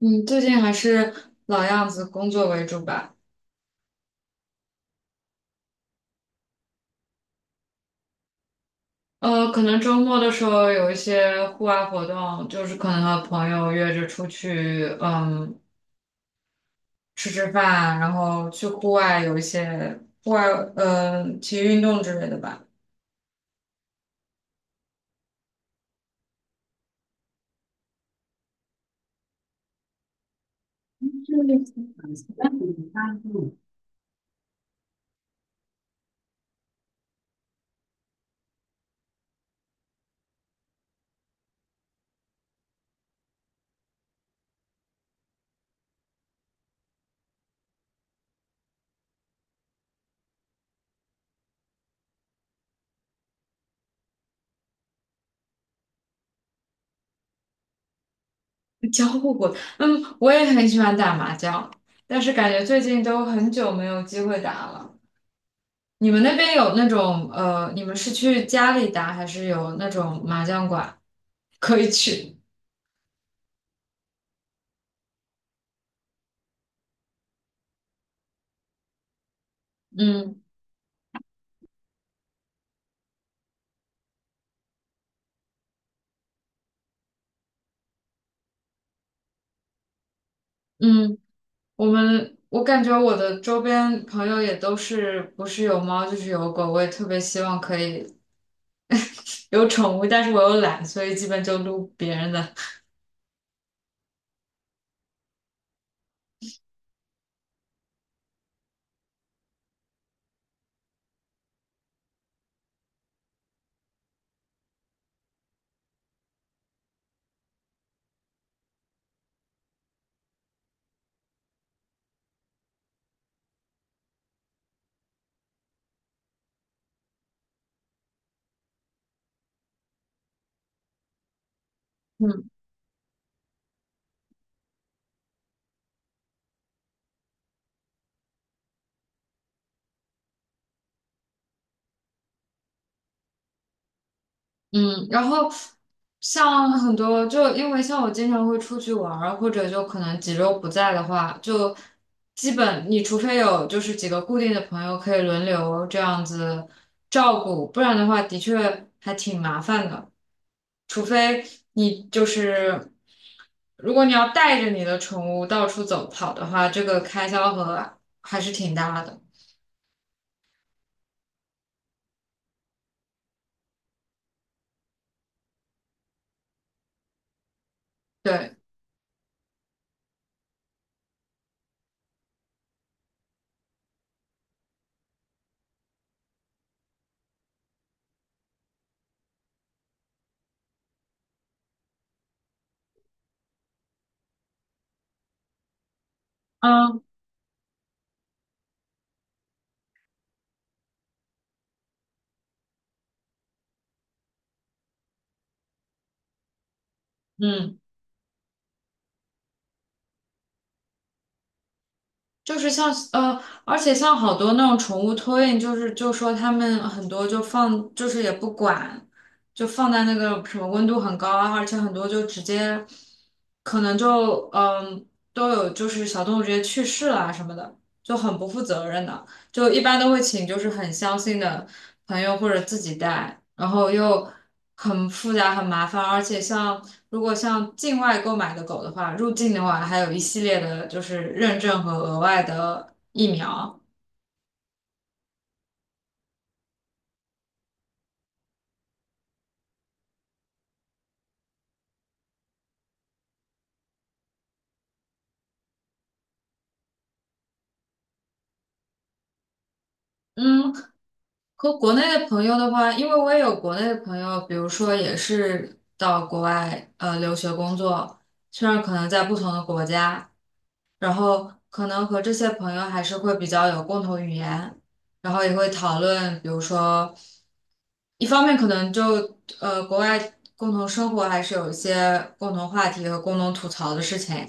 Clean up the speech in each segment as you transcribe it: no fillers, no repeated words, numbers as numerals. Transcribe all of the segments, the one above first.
嗯，最近还是老样子，工作为主吧。可能周末的时候有一些户外活动，就是可能和朋友约着出去，吃吃饭，然后去户外有一些户外，嗯，体育运动之类的吧。交互过，嗯，我也很喜欢打麻将，但是感觉最近都很久没有机会打了。你们那边有那种，你们是去家里打，还是有那种麻将馆 可以去？嗯嗯。我感觉我的周边朋友也都是不是有猫就是有狗，我也特别希望可以 有宠物，但是我又懒，所以基本就撸别人的。嗯。嗯，然后像很多，就因为像我经常会出去玩儿，或者就可能几周不在的话，就基本你除非有就是几个固定的朋友可以轮流这样子照顾，不然的话的确还挺麻烦的。除非你就是，如果你要带着你的宠物到处走跑的话，这个开销和还是挺大的。对，嗯嗯。就是像而且像好多那种宠物托运，就是就说他们很多就放，就是也不管，就放在那个什么温度很高啊，而且很多就直接可能就都有就是小动物直接去世了啊什么的，就很不负责任的。就一般都会请就是很相信的朋友或者自己带，然后又很复杂很麻烦，而且像如果像境外购买的狗的话，入境的话还有一系列的就是认证和额外的疫苗。嗯，和国内的朋友的话，因为我也有国内的朋友，比如说也是到国外留学工作，虽然可能在不同的国家，然后可能和这些朋友还是会比较有共同语言，然后也会讨论，比如说，一方面可能就国外共同生活还是有一些共同话题和共同吐槽的事情，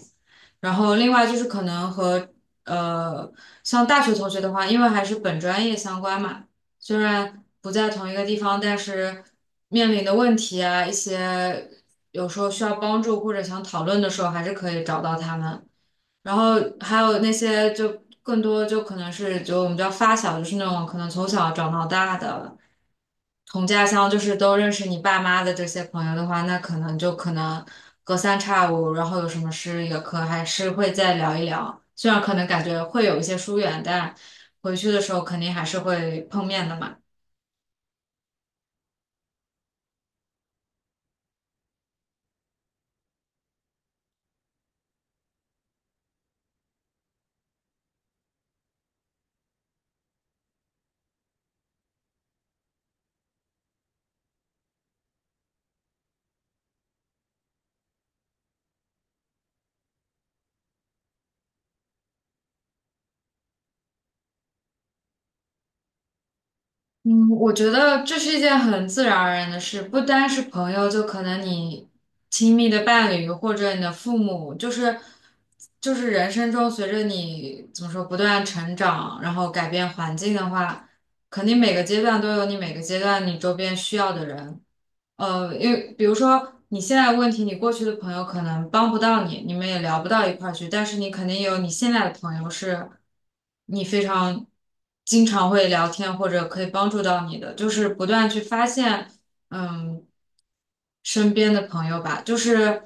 然后另外就是可能和呃像大学同学的话，因为还是本专业相关嘛。虽然不在同一个地方，但是面临的问题啊，一些有时候需要帮助或者想讨论的时候，还是可以找到他们。然后还有那些就更多就可能是就我们叫发小，就是那种可能从小长到大的同家乡，就是都认识你爸妈的这些朋友的话，那可能就可能隔三差五，然后有什么事也可还是会再聊一聊。虽然可能感觉会有一些疏远，但回去的时候肯定还是会碰面的嘛。嗯，我觉得这是一件很自然而然的事，不单是朋友，就可能你亲密的伴侣或者你的父母，就是人生中随着你怎么说不断成长，然后改变环境的话，肯定每个阶段都有你每个阶段你周边需要的人，因为比如说你现在的问题，你过去的朋友可能帮不到你，你们也聊不到一块儿去，但是你肯定有你现在的朋友是，你非常经常会聊天或者可以帮助到你的，就是不断去发现，嗯。身边的朋友吧，就是，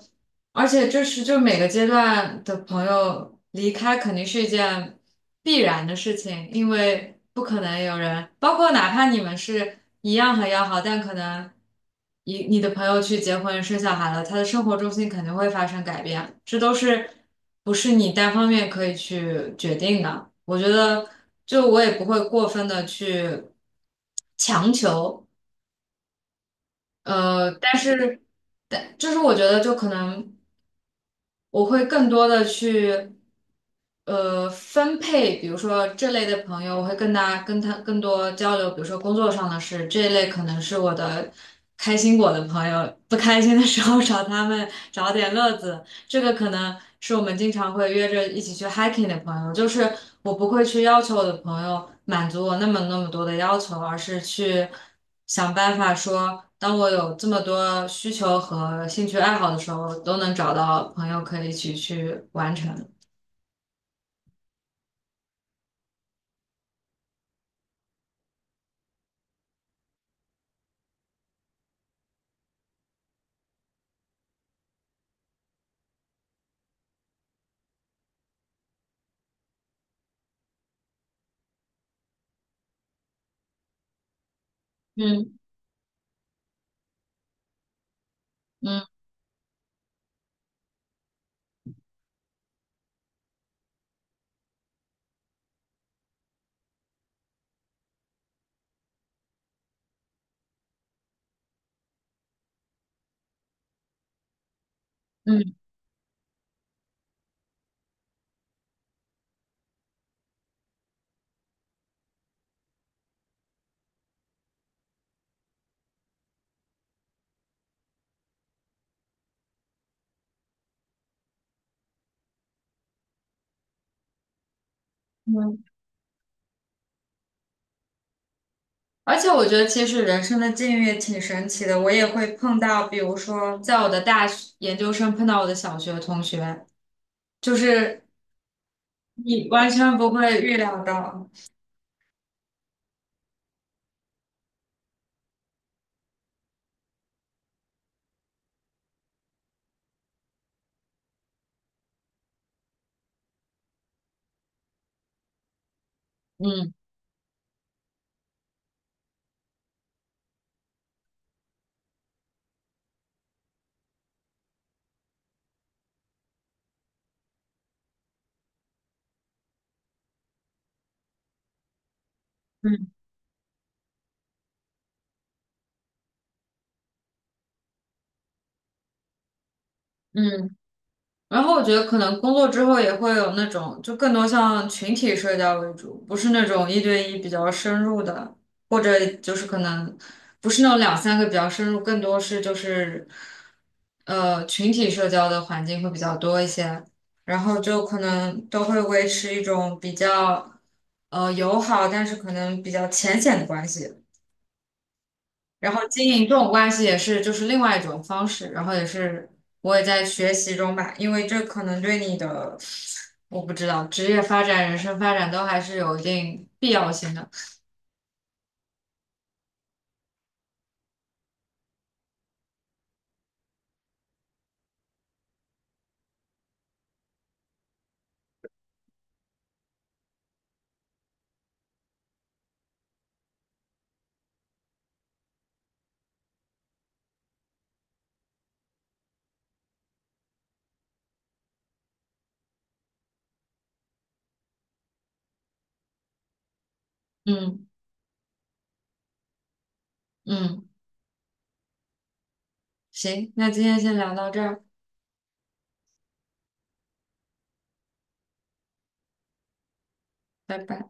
而且这是就每个阶段的朋友离开肯定是一件必然的事情，因为不可能有人，包括哪怕你们是一样很要好，但可能你的朋友去结婚生小孩了，他的生活重心肯定会发生改变，这都是不是你单方面可以去决定的。我觉得，就我也不会过分的去强求。呃，但是，但就是我觉得，就可能我会更多的去，分配，比如说这类的朋友，我会跟他更多交流，比如说工作上的事，这一类可能是我的开心果的朋友，不开心的时候 找他们找点乐子，这个可能是我们经常会约着一起去 hiking 的朋友，就是我不会去要求我的朋友满足我那么多的要求，而是去想办法说，当我有这么多需求和兴趣爱好的时候，都能找到朋友可以一起去完成。嗯嗯嗯嗯，而且我觉得其实人生的境遇也挺神奇的，我也会碰到，比如说在我的大学研究生碰到我的小学同学，就是你完全不会预料到。嗯嗯嗯，然后我觉得可能工作之后也会有那种，就更多像群体社交为主，不是那种一对一比较深入的，或者就是可能不是那种两三个比较深入，更多是就是群体社交的环境会比较多一些，然后就可能都会维持一种比较友好，但是可能比较浅显的关系。然后经营这种关系也是就是另外一种方式，然后也是我也在学习中吧，因为这可能对你的我不知道职业发展、人生发展都还是有一定必要性的。嗯嗯，行，那今天先聊到这儿，拜拜。